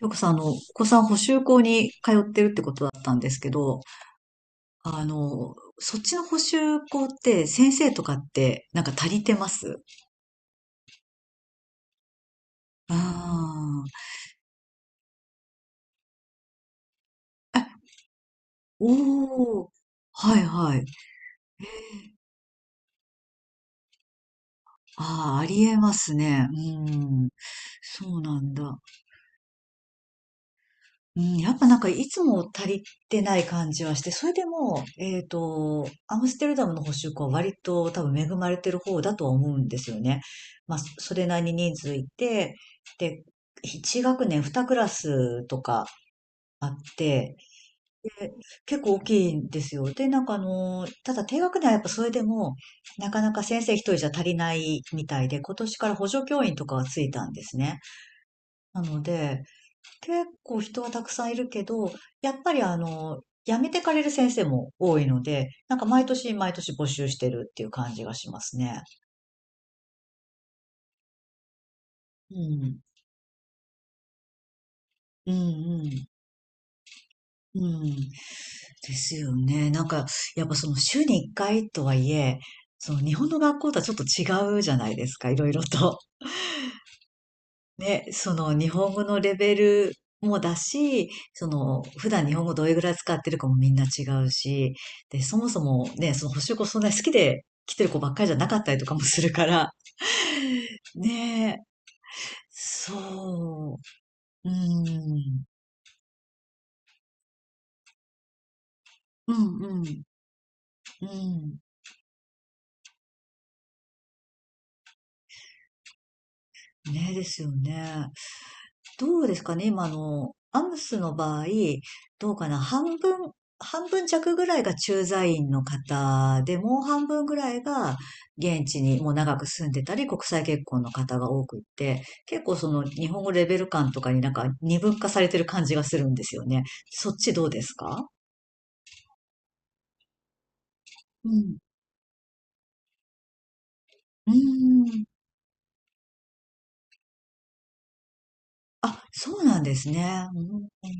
よくさん、お子さん補習校に通ってるってことだったんですけど、そっちの補習校って先生とかってなんか足りてます？ああー、おー、はいはい。ああ、ありえますね。うん。そうなんだ。うん、やっぱなんかいつも足りてない感じはして、それでも、アムステルダムの保守校は割と多分恵まれてる方だとは思うんですよね。まあ、それなりに人数いて、で、1学年2クラスとかあって、で、結構大きいんですよ。で、なんかただ低学年はやっぱそれでも、なかなか先生一人じゃ足りないみたいで、今年から補助教員とかがついたんですね。なので、結構人はたくさんいるけど、やっぱり辞めてかれる先生も多いので、なんか毎年毎年募集してるっていう感じがしますね。うん。うんうん。うん。ですよね。なんか、やっぱその週に1回とはいえ、その日本の学校とはちょっと違うじゃないですか、いろいろと。ね、その日本語のレベルもだし、その普段日本語どれぐらい使ってるかもみんな違うし、で、そもそもね、その補習校そんなに好きで来てる子ばっかりじゃなかったりとかもするから、ねえ、そう、うん、うん、うん、うん、ねえですよね。どうですかね、今アムスの場合、どうかな、半分、半分弱ぐらいが駐在員の方で、もう半分ぐらいが現地にもう長く住んでたり、国際結婚の方が多くって、結構その日本語レベル感とかになんか二分化されてる感じがするんですよね。そっちどうですか？うん。うーん。あ、そうなんですね。うん。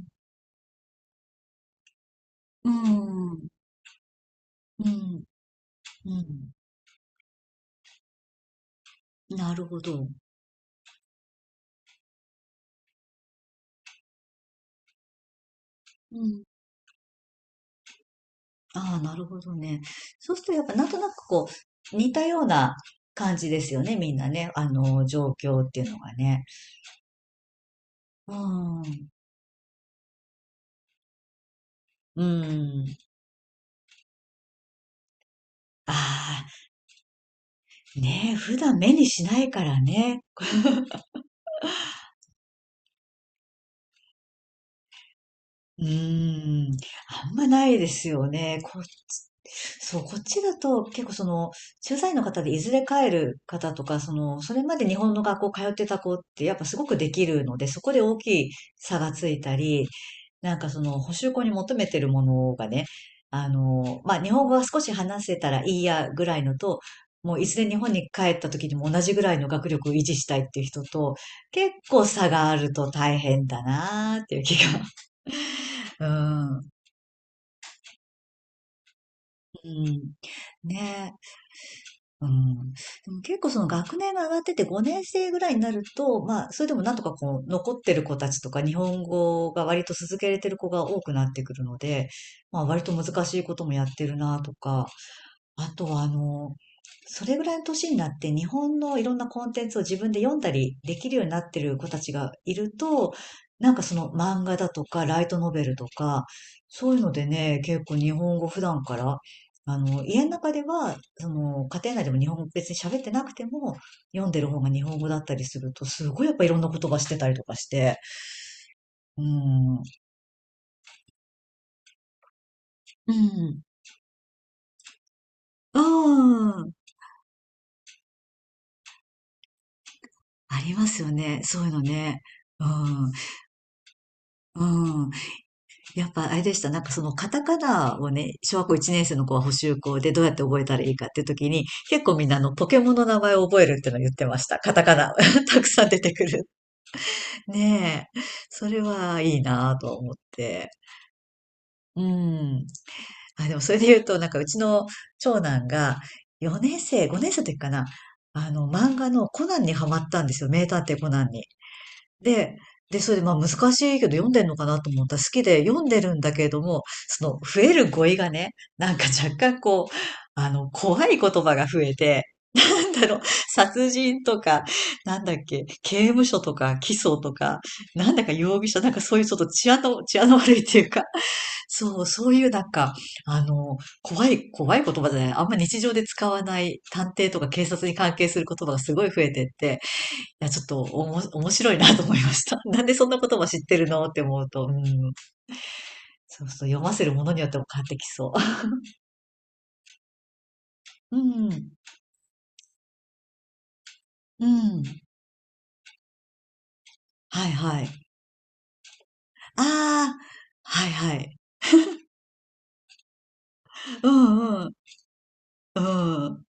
うん。うん。うん。なるほど。うん。ああ、なるほどね。そうするとやっぱなんとなくこう、似たような感じですよね、みんなね。状況っていうのがね。うーん。うーん。ああ、ねえ、普段目にしないからね。うーん、あんまないですよね。こっち、そう、こっちだと結構その、駐在の方でいずれ帰る方とか、その、それまで日本の学校通ってた子ってやっぱすごくできるので、そこで大きい差がついたり、なんかその、補習校に求めてるものがね、まあ、日本語は少し話せたらいいやぐらいのと、もういずれ日本に帰った時にも同じぐらいの学力を維持したいっていう人と、結構差があると大変だなーっていう気が。うん。うん。ねえ。うん。でも結構その学年が上がってて5年生ぐらいになると、まあ、それでもなんとかこう、残ってる子たちとか、日本語が割と続けれてる子が多くなってくるので、まあ、割と難しいこともやってるなとか、あとは、それぐらいの年になって日本のいろんなコンテンツを自分で読んだりできるようになってる子たちがいると、なんかその漫画だとかライトノベルとか、そういうのでね、結構日本語普段から、家の中では、その、家庭内でも日本語別に喋ってなくても、読んでる方が日本語だったりすると、すごいやっぱいろんな言葉してたりとかして、うん、うん。うん、ありますよね、そういうのね。うん、うん。やっぱあれでした。なんかそのカタカナをね、小学校1年生の子は補習校でどうやって覚えたらいいかっていう時に、結構みんなあのポケモンの名前を覚えるっていうのを言ってました。カタカナ。たくさん出てくる。ねえ。それはいいなぁと思って。うん。あ、でもそれで言うと、なんかうちの長男が4年生、5年生の時かな。あの漫画のコナンにハマったんですよ。名探偵コナンに。で、それでまあ難しいけど読んでんのかなと思ったら好きで読んでるんだけれども、その増える語彙がね、なんか若干こう、怖い言葉が増えて、なんだろう、殺人とか、なんだっけ、刑務所とか、起訴とか、なんだか容疑者、なんかそういうちょっと治安の悪いっていうか、そう、そういうなんか、あの、怖い言葉じゃない、あんま日常で使わない探偵とか警察に関係する言葉がすごい増えてって、や、ちょっと面白いなと思いました。なんでそんなことも知ってるのって思うと、うん。そうそう、読ませるものによっても変わってきそう。うん、うん。はいはい。ああ、はいはい。うんうん。うん、うん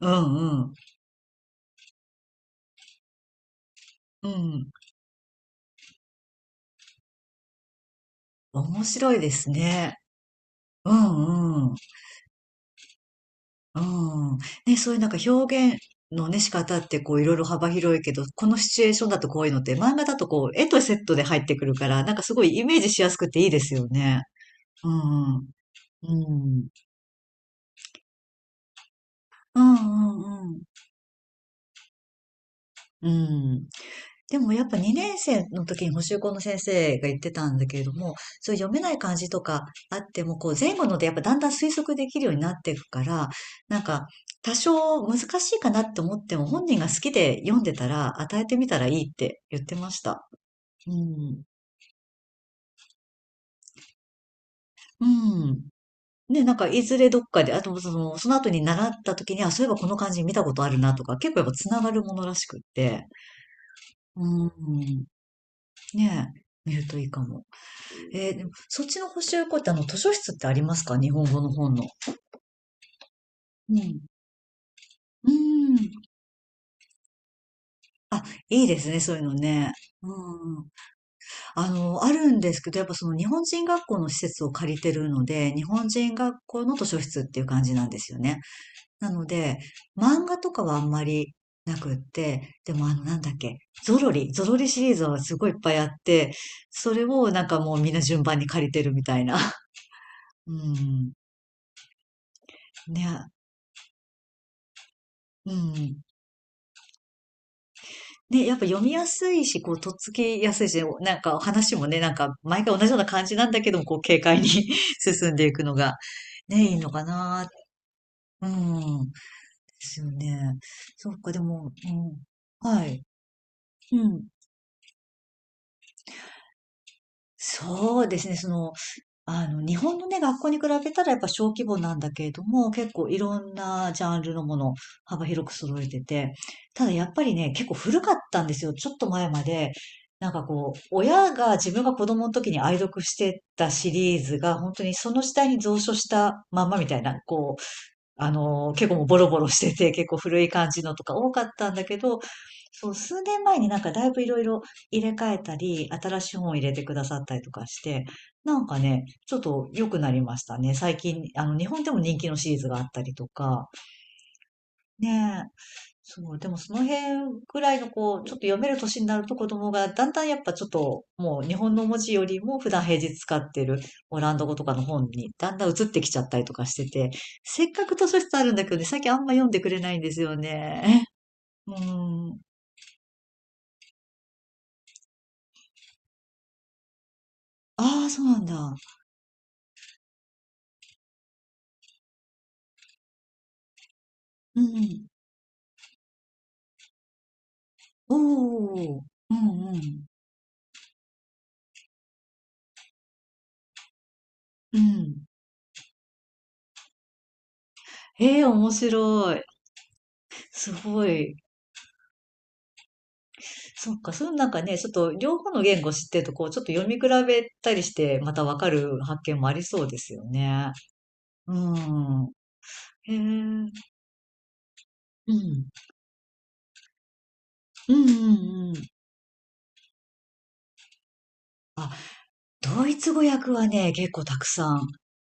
うん。うん。面白いですね。うんうん。うん。ね、そういうなんか表現のね、仕方ってこういろいろ幅広いけど、このシチュエーションだとこういうのって、漫画だとこう絵とセットで入ってくるから、なんかすごいイメージしやすくていいですよね。うんうん。うん。うんうんうん。うん。でもやっぱ2年生の時に補習校の先生が言ってたんだけれども、そういう読めない漢字とかあっても、こう前後のでやっぱだんだん推測できるようになっていくから、なんか多少難しいかなって思っても本人が好きで読んでたら与えてみたらいいって言ってました。うん。うん。ね、なんかいずれどっかで、あとその、その後に習った時に、あ、そういえばこの漢字見たことあるなとか、結構やっぱつながるものらしくって。うん。ねえ、見るといいかも。でも、そっちの補習校って図書室ってありますか日本語の本の？うん。うん。あ、いいですね、そういうのね。うん。あるんですけど、やっぱその日本人学校の施設を借りてるので、日本人学校の図書室っていう感じなんですよね。なので、漫画とかはあんまりなくって、でもなんだっけ、ゾロリシリーズはすごいいっぱいあって、それをなんかもうみんな順番に借りてるみたいな。うん。ね、うん。ね、やっぱ読みやすいし、こう、とっつきやすいし、なんか話もね、なんか毎回同じような感じなんだけども、こう、軽快に 進んでいくのが、ね、いいのかな。うん。ですよね。そうか、でも、うん。はい。うん。そうですね、その、日本のね、学校に比べたらやっぱ小規模なんだけれども、結構いろんなジャンルのものを幅広く揃えてて、ただやっぱりね、結構古かったんですよ。ちょっと前まで。なんかこう、親が自分が子供の時に愛読してたシリーズが、本当にその時代に蔵書したまんまみたいな、こあの、結構もうボロボロしてて、結構古い感じのとか多かったんだけど、そう、数年前になんかだいぶいろいろ入れ替えたり、新しい本を入れてくださったりとかして、なんかね、ちょっと良くなりましたね。最近、日本でも人気のシリーズがあったりとか、ねそう、でもその辺ぐらいのこう、ちょっと読める年になると子供がだんだんやっぱちょっともう日本の文字よりも普段平日使ってるオランダ語とかの本にだんだん移ってきちゃったりとかしてて、せっかく図書室あるんだけどね、最近あんま読んでくれないんですよね。うん。ああ、そうなんだ。うん。おお。うんうん。うん。ええ、面白い。すごい。そっか、そのなんかね、ちょっと両方の言語知ってると、こう、ちょっと読み比べたりして、またわかる発見もありそうですよね。うん。へえ。うん。うんうんうん。あ、ドイツ語訳はね、結構たくさん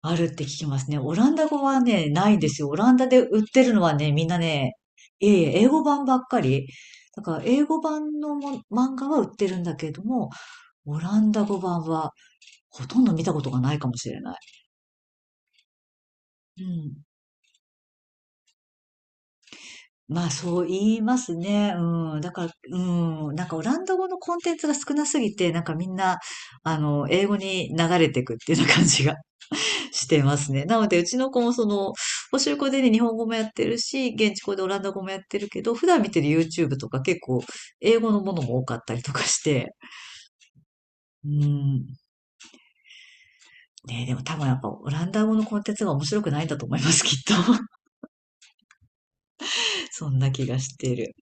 あるって聞きますね。オランダ語はね、ないんですよ。オランダで売ってるのはね、みんなね、いえいえ、英語版ばっかり。だから、英語版のも漫画は売ってるんだけれども、オランダ語版はほとんど見たことがないかもしれない。まあそう言いますね。うん。だから、うん。なんかオランダ語のコンテンツが少なすぎて、なんかみんな、英語に流れていくっていうような感じが してますね。なので、うちの子もその、補習校でね、日本語もやってるし、現地校でオランダ語もやってるけど、普段見てる YouTube とか結構、英語のものも多かったりとかして、うん。ね、でも多分やっぱオランダ語のコンテンツが面白くないんだと思います、きっと。そんな気がしている。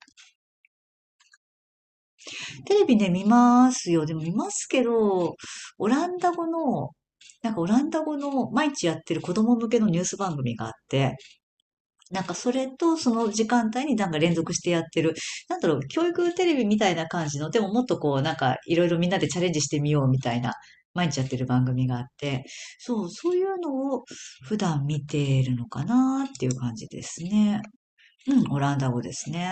テレビね、見ますよ。でも見ますけど、オランダ語の、なんかオランダ語の毎日やってる子供向けのニュース番組があって、なんかそれとその時間帯になんか連続してやってる、なんだろう、教育テレビみたいな感じの、でももっとこう、なんかいろいろみんなでチャレンジしてみようみたいな、毎日やってる番組があって、そう、そういうのを普段見ているのかなっていう感じですね。うん、オランダ語ですね。